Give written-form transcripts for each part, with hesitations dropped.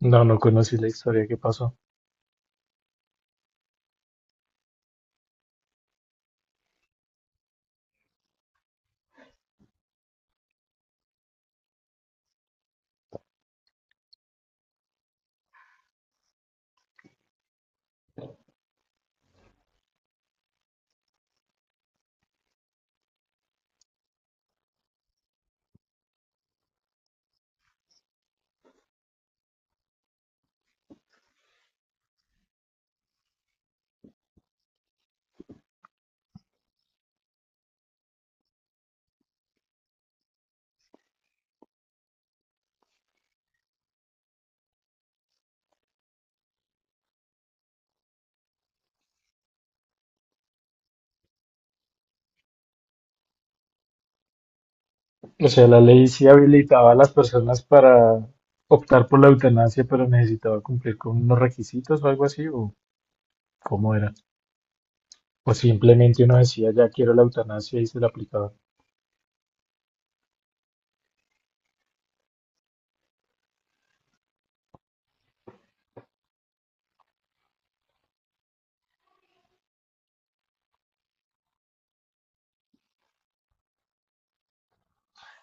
No, no conocí la historia que pasó. O sea, la ley sí habilitaba a las personas para optar por la eutanasia, pero necesitaba cumplir con unos requisitos o algo así, o cómo era. O simplemente uno decía, ya quiero la eutanasia y se la aplicaba.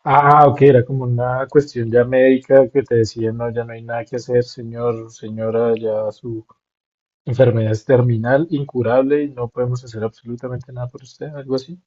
Ah, ok, era como una cuestión ya médica que te decían, no, ya no hay nada que hacer, señor, señora, ya su enfermedad es terminal, incurable y no podemos hacer absolutamente nada por usted, algo así.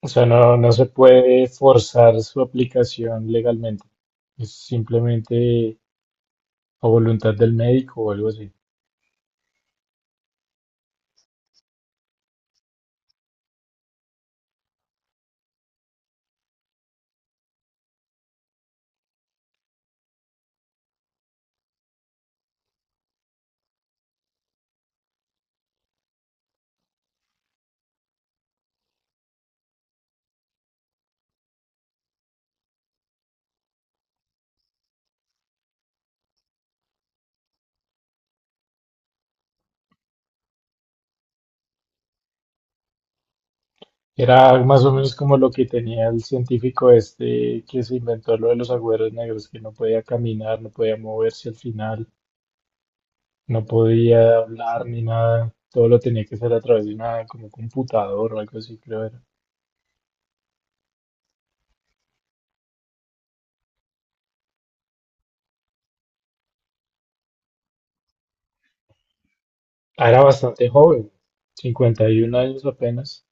O sea, no, no se puede forzar su aplicación legalmente. Es simplemente a voluntad del médico o algo así. Era más o menos como lo que tenía el científico este que se inventó lo de los agujeros negros, que no podía caminar, no podía moverse al final, no podía hablar ni nada. Todo lo tenía que hacer a través de una como computador o algo así, creo era. Ah, era bastante joven, 51 años apenas.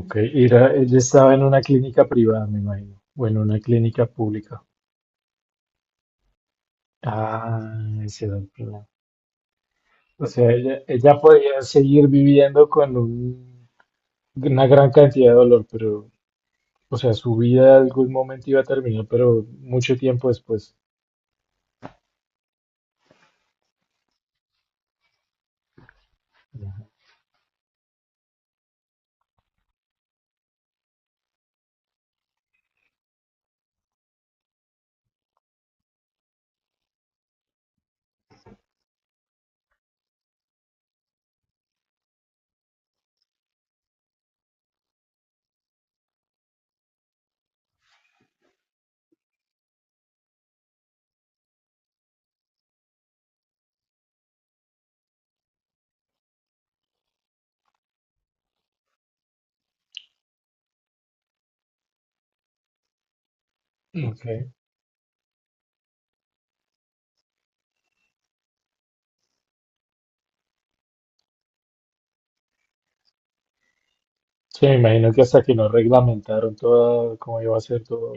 Ok, y ella estaba en una clínica privada, me imagino, o en una clínica pública. Ah, ese era el problema. O sea, ella podía seguir viviendo con una gran cantidad de dolor, pero, o sea, su vida en algún momento iba a terminar, pero mucho tiempo después. Ujú. Ok. Sí, me imagino que hasta que no reglamentaron todo, cómo iba a ser todo,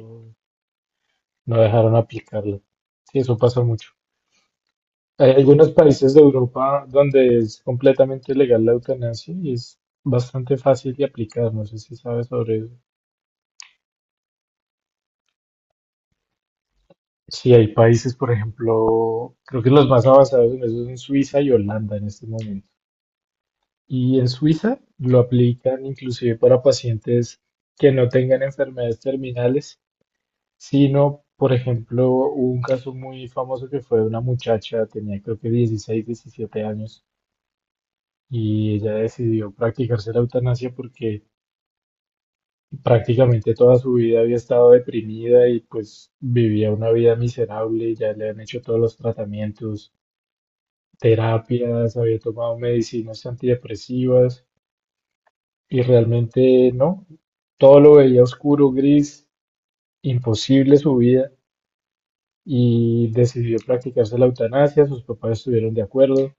no dejaron aplicarlo. Sí, eso pasa mucho. Hay algunos países de Europa donde es completamente legal la eutanasia y es bastante fácil de aplicar. No sé si sabes sobre eso. Sí, hay países, por ejemplo, creo que los más avanzados en eso son Suiza y Holanda en este momento. Y en Suiza lo aplican inclusive para pacientes que no tengan enfermedades terminales, sino, por ejemplo, hubo un caso muy famoso que fue de una muchacha, tenía creo que 16, 17 años, y ella decidió practicarse la eutanasia porque prácticamente toda su vida había estado deprimida y pues vivía una vida miserable, ya le han hecho todos los tratamientos, terapias, había tomado medicinas antidepresivas y realmente no, todo lo veía oscuro, gris, imposible su vida, y decidió practicarse la eutanasia, sus papás estuvieron de acuerdo,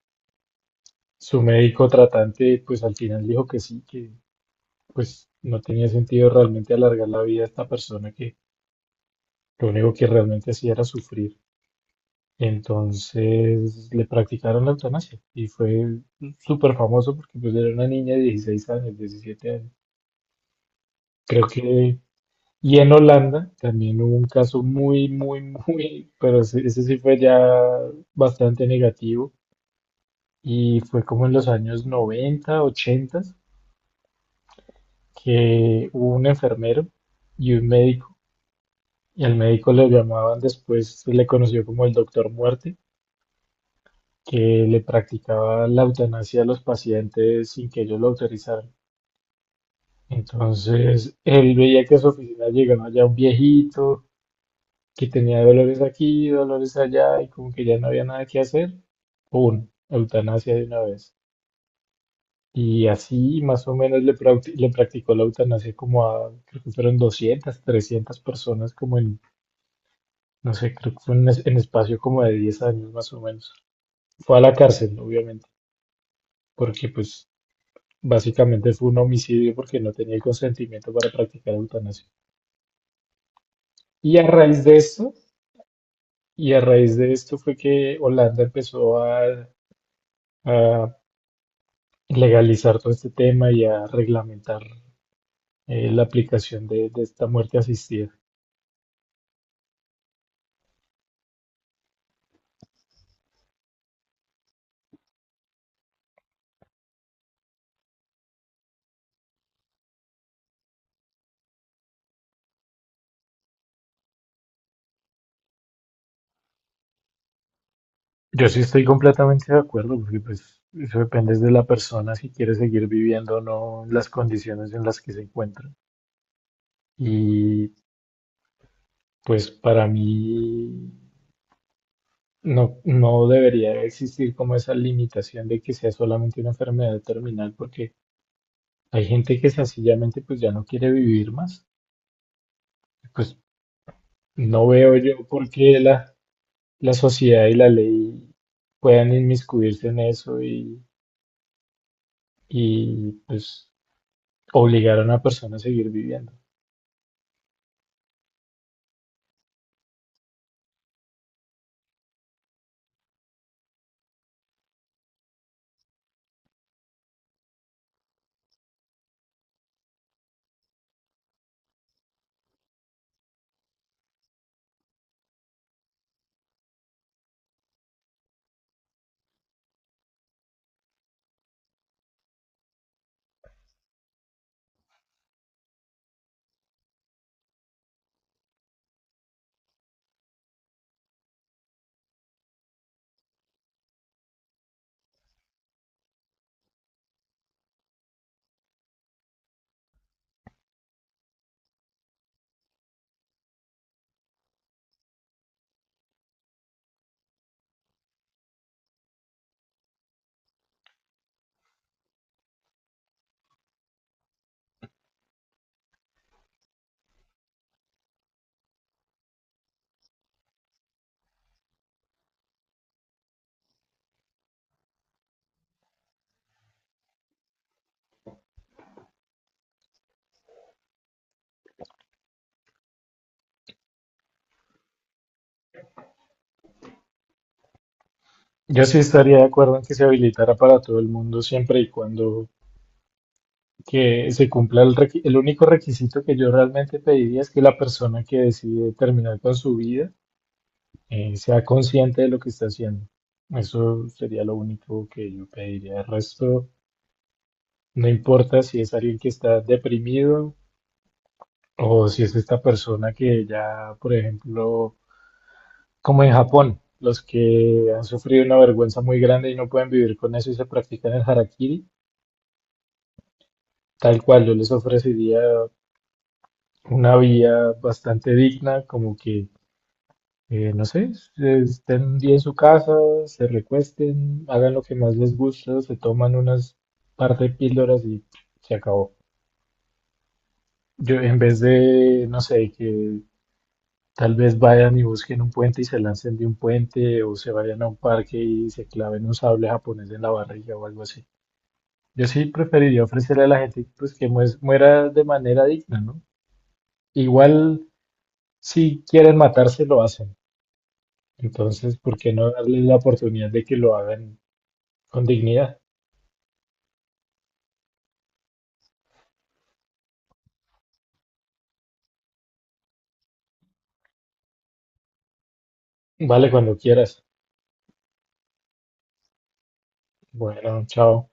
su médico tratante pues al final dijo que sí, que pues no tenía sentido realmente alargar la vida a esta persona que lo único que realmente hacía era sufrir. Entonces le practicaron la eutanasia y fue súper famoso porque pues era una niña de 16 años, 17 años. Creo que... Y en Holanda también hubo un caso muy, muy, muy, pero ese sí fue ya bastante negativo y fue como en los años 90 80, que hubo un enfermero y un médico, y al médico le llamaban después, se le conoció como el doctor muerte, que le practicaba la eutanasia a los pacientes sin que ellos lo autorizaran. Entonces, él veía que a su oficina llegaba ya un viejito que tenía dolores aquí, dolores allá, y como que ya no había nada que hacer, ¡pum! Eutanasia de una vez. Y así más o menos le practicó la eutanasia como a, creo que fueron 200, 300 personas, como en, no sé, creo que fue en espacio como de 10 años más o menos. Fue a la cárcel, obviamente, porque pues básicamente fue un homicidio porque no tenía el consentimiento para practicar eutanasia. Y a raíz de esto, y a raíz de esto fue que Holanda empezó a legalizar todo este tema y a reglamentar la aplicación de esta muerte asistida. Yo sí estoy completamente de acuerdo, porque pues eso depende de la persona si quiere seguir viviendo o no, las condiciones en las que se encuentra. Y pues para mí, no, no debería existir como esa limitación de que sea solamente una enfermedad terminal, porque hay gente que sencillamente pues ya no quiere vivir más. Pues no veo yo por qué la sociedad y la ley puedan inmiscuirse en eso y pues obligar a una persona a seguir viviendo. Yo sí estaría de acuerdo en que se habilitara para todo el mundo siempre y cuando que se cumpla el único requisito que yo realmente pediría es que la persona que decide terminar con su vida, sea consciente de lo que está haciendo. Eso sería lo único que yo pediría. El resto, no importa si es alguien que está deprimido o si es esta persona que ya, por ejemplo, como en Japón, los que han sufrido una vergüenza muy grande y no pueden vivir con eso y se practican el harakiri, tal cual yo les ofrecería una vía bastante digna, como que... No sé, estén un día en su casa, se recuesten, hagan lo que más les gusta, se toman unas par de píldoras y se acabó. Yo, en vez de, no sé, que tal vez vayan y busquen un puente y se lancen de un puente, o se vayan a un parque y se claven un sable japonés en la barriga o algo así. Yo sí preferiría ofrecerle a la gente pues, que muera de manera digna, ¿no? Igual, si quieren matarse, lo hacen. Entonces, ¿por qué no darles la oportunidad de que lo hagan con dignidad? Vale, cuando quieras. Bueno, chao.